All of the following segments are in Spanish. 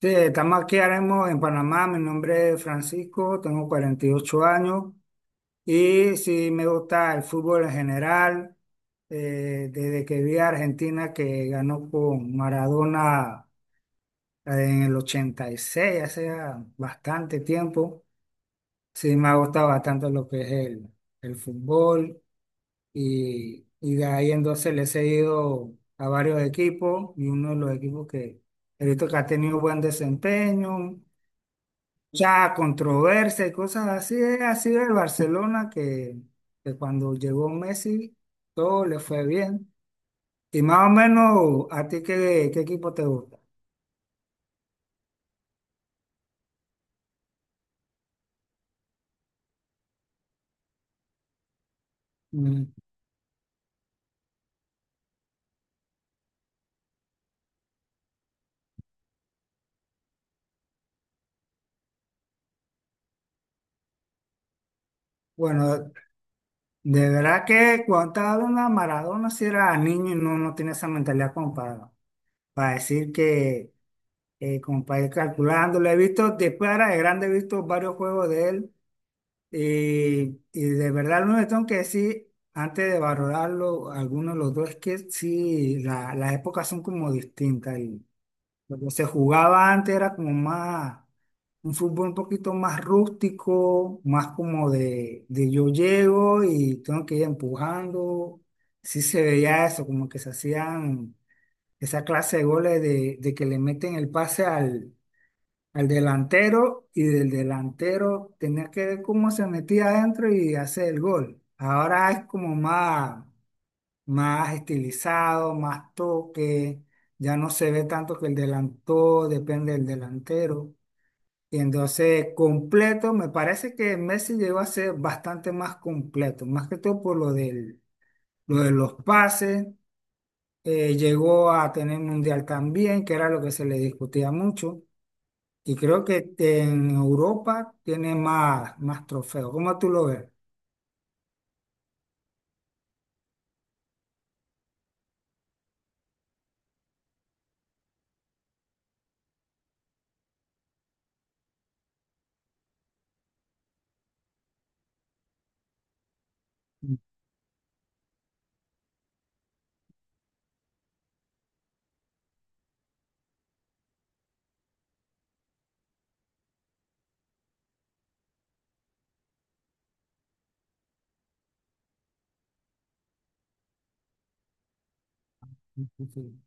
Sí, estamos aquí ahora mismo en Panamá. Mi nombre es Francisco, tengo 48 años y sí me gusta el fútbol en general. Desde que vi a Argentina que ganó con Maradona en el 86, hace ya bastante tiempo. Sí me ha gustado bastante lo que es el fútbol y de ahí entonces le he seguido a varios equipos, y uno de los equipos que he visto que ha tenido buen desempeño, mucha controversia y cosas así, es así el Barcelona, que cuando llegó Messi todo le fue bien. Y más o menos, ¿a ti qué equipo te gusta? Mm, Bueno, de verdad que cuando estaba hablando de Maradona, si era niño no tiene esa mentalidad como para decir como para ir calculando. Lo he visto, después era de grande, he visto varios juegos de él. Y de verdad, lo que tengo que decir, antes de valorarlo, algunos de los dos, es que sí, las épocas son como distintas. Y lo que se jugaba antes era como un fútbol un poquito más rústico, más como de yo llego y tengo que ir empujando. Sí se veía eso, como que se hacían esa clase de goles de que le meten el pase al delantero, y del delantero tenía que ver cómo se metía adentro y hacer el gol. Ahora es como más estilizado, más toque, ya no se ve tanto que el delantero depende del delantero. Y entonces completo, me parece que Messi llegó a ser bastante más completo, más que todo por lo lo de los pases. Llegó a tener mundial también, que era lo que se le discutía mucho. Y creo que este, en Europa tiene más trofeos. ¿Cómo tú lo ves? Sí, sí.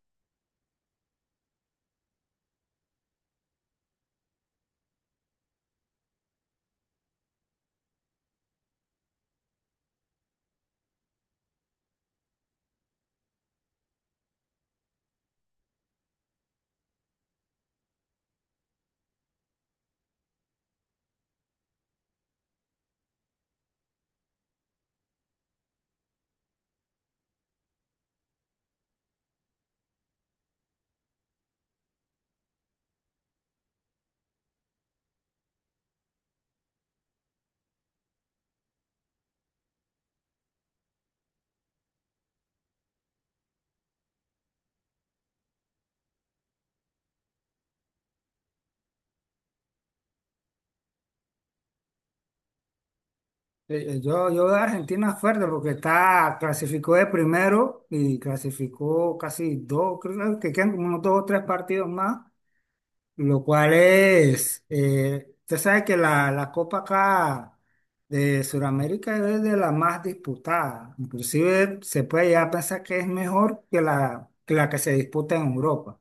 Yo de Argentina fuerte porque está, clasificó de primero y clasificó casi dos, creo que quedan como unos dos o tres partidos más, lo cual es, usted sabe que la Copa acá de Sudamérica es de la más disputada, inclusive se puede ya pensar que es mejor que que la que se disputa en Europa.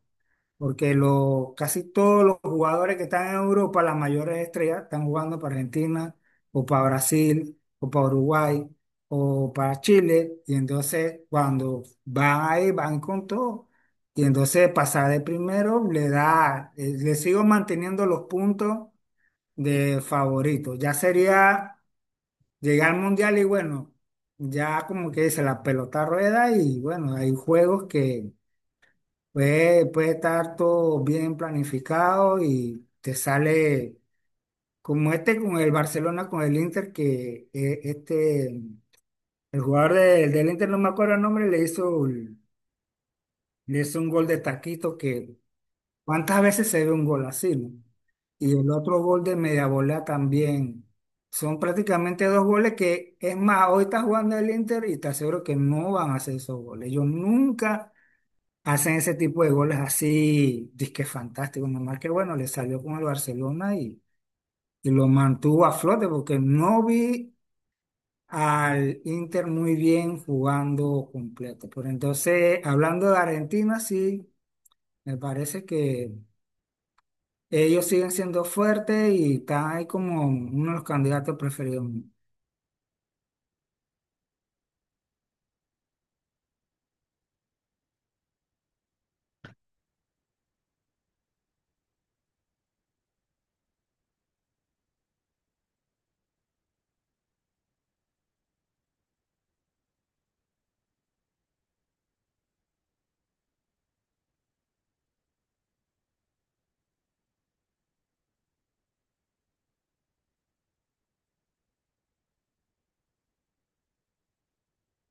Porque lo, casi todos los jugadores que están en Europa, las mayores estrellas, están jugando para Argentina, o para Brasil, o para Uruguay, o para Chile. Y entonces, cuando van ahí, van con todo. Y entonces, pasar de primero le da, le sigo manteniendo los puntos de favorito. Ya sería llegar al mundial y bueno, ya como que dice, la pelota rueda. Y bueno, hay juegos que... Puede estar todo bien planificado y te sale como este con el Barcelona, con el Inter, que el jugador del Inter, no me acuerdo el nombre, le le hizo un gol de taquito que cuántas veces se ve un gol así, ¿no? Y el otro gol de media volea también. Son prácticamente dos goles que, es más, hoy está jugando el Inter y te aseguro que no van a hacer esos goles. Yo nunca hacen ese tipo de goles así, disque fantásticos. Nomás que bueno, le salió con el Barcelona y lo mantuvo a flote porque no vi al Inter muy bien jugando completo. Pero entonces, hablando de Argentina, sí, me parece que ellos siguen siendo fuertes y están ahí como uno de los candidatos preferidos míos.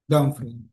Dumfries.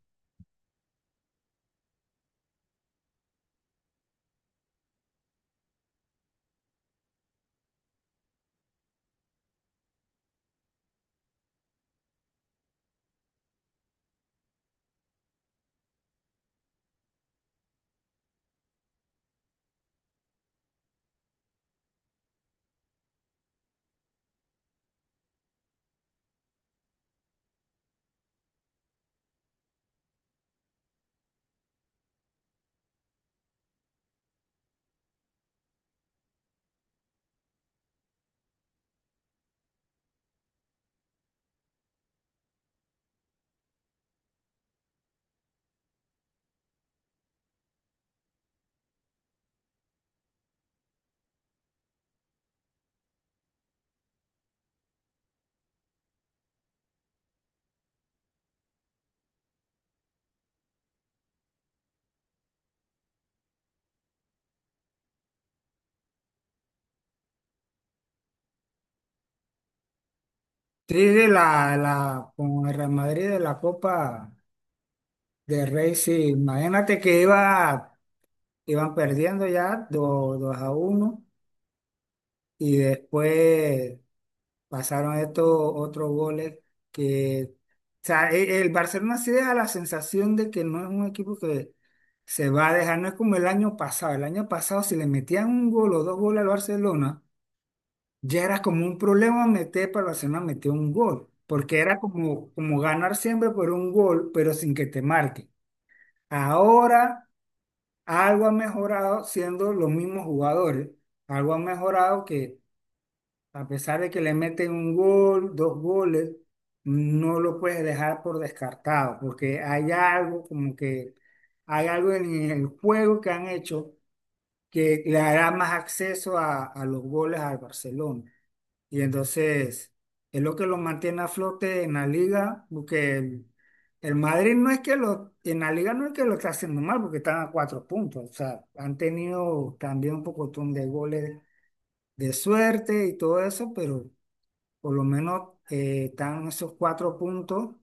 Sí, de la, con el Real Madrid de la Copa de Rey, sí, imagínate que iban perdiendo ya 2 a uno, y después pasaron estos otros goles que, o sea, el Barcelona sí deja la sensación de que no es un equipo que se va a dejar. No es como el año pasado. El año pasado si le metían un gol o dos goles al Barcelona, ya era como un problema meter, para el Barcelona meter un gol, porque era como, como ganar siempre por un gol, pero sin que te marque. Ahora... Algo ha mejorado siendo los mismos jugadores. Algo ha mejorado, que a pesar de que le meten un gol, dos goles, no lo puedes dejar por descartado, porque hay algo como que, hay algo en el juego que han hecho que le dará más acceso a los goles al Barcelona. Y entonces es lo que lo mantiene a flote en la liga, porque el Madrid no es que lo, en la liga no es que lo está haciendo mal, porque están a cuatro puntos. O sea, han tenido también un pocotón de goles de suerte y todo eso, pero por lo menos están esos cuatro puntos,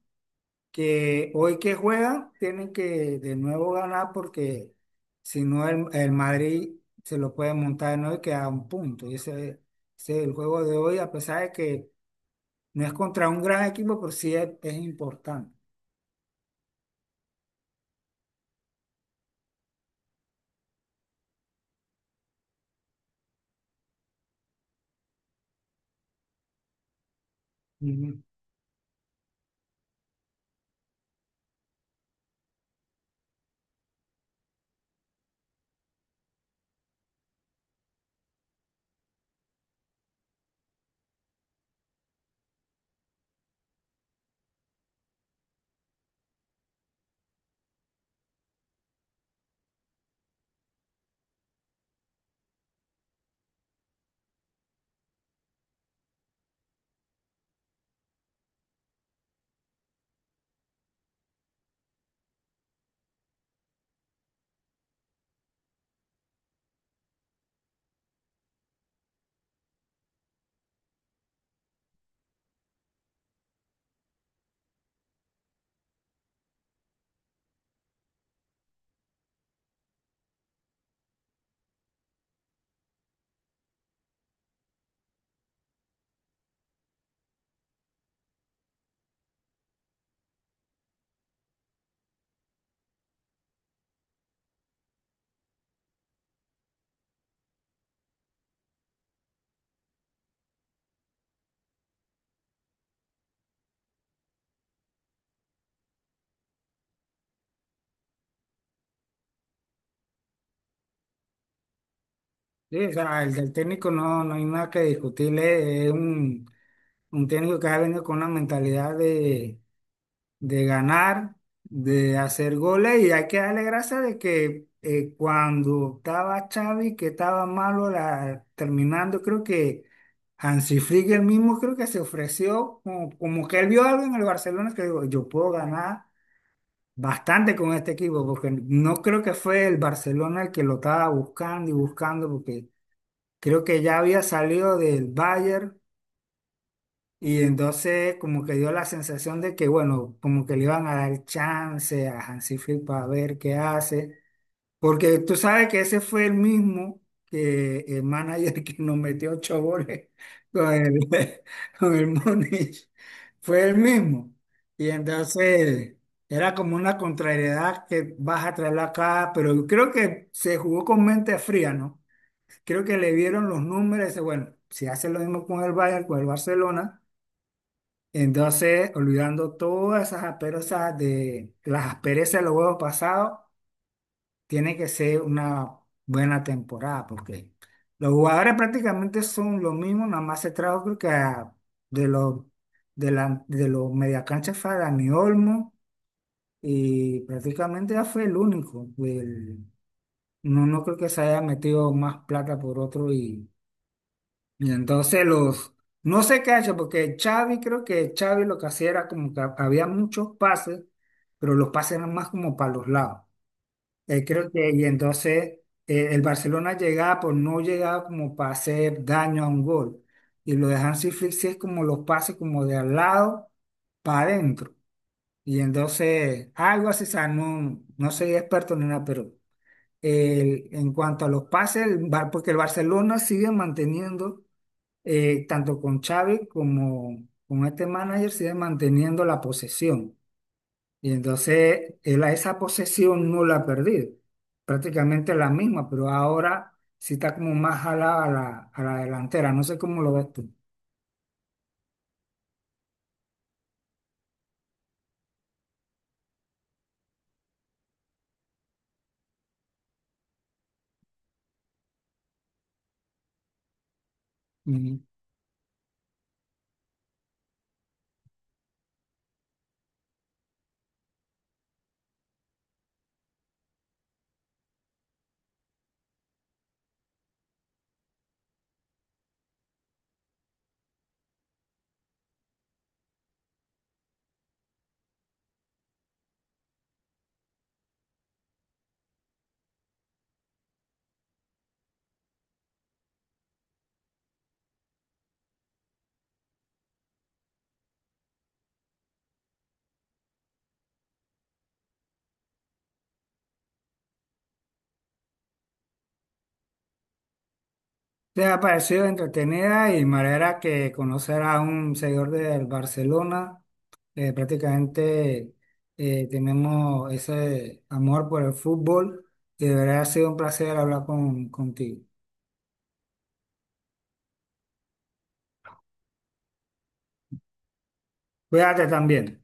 que hoy que juegan tienen que de nuevo ganar, porque si no el Madrid se lo puede montar de nuevo y queda a un punto. Y ese es el juego de hoy, a pesar de que no es contra un gran equipo, pero sí es importante. Ujú. Sí, o sea, el del técnico no hay nada que discutirle. Es un técnico que ha venido con una mentalidad de ganar, de hacer goles, y hay que darle gracias de que cuando estaba Xavi, que estaba malo la, terminando, creo que Hansi Flick el mismo, creo que se ofreció como, como que él vio algo en el Barcelona que dijo, yo puedo ganar bastante con este equipo, porque no creo que fue el Barcelona el que lo estaba buscando y buscando, porque creo que ya había salido del Bayern, y entonces como que dio la sensación de que, bueno, como que le iban a dar chance a Hansi Flick para ver qué hace. Porque tú sabes que ese fue el mismo, que el manager que nos metió ocho goles con el, con el Múnich. Fue el mismo. Y entonces era como una contrariedad que vas a traerla acá, pero yo creo que se jugó con mente fría, ¿no? Creo que le vieron los números y dice, bueno, si hace lo mismo con el Bayern, con el Barcelona, entonces olvidando todas esas asperezas de las asperezas de los juegos pasados, tiene que ser una buena temporada, porque los jugadores prácticamente son lo mismo, nada más se trajo creo que de los de la de los mediacanchas fue a Dani Olmo, y prácticamente ya fue el único. No, no creo que se haya metido más plata por otro, y entonces los, no sé qué ha hecho, porque Xavi, creo que Xavi lo que hacía era como que había muchos pases, pero los pases eran más como para los lados. Creo que, y entonces el Barcelona llegaba, pues no llegaba como para hacer daño a un gol. Y lo de Hansi Flick sí es como los pases como de al lado para adentro. Y entonces algo así, o sea, no soy experto ni nada, pero en cuanto a los pases, el porque el Barcelona sigue manteniendo, tanto con Xavi como con este manager, sigue manteniendo la posesión. Y entonces él a esa posesión no la ha perdido, prácticamente la misma, pero ahora sí está como más jalada a a la delantera, no sé cómo lo ves tú. Ujú. ¿Te ha parecido entretenida y manera que conocer a un seguidor del Barcelona? Prácticamente tenemos ese amor por el fútbol, y de verdad ha sido un placer hablar contigo. Cuídate también.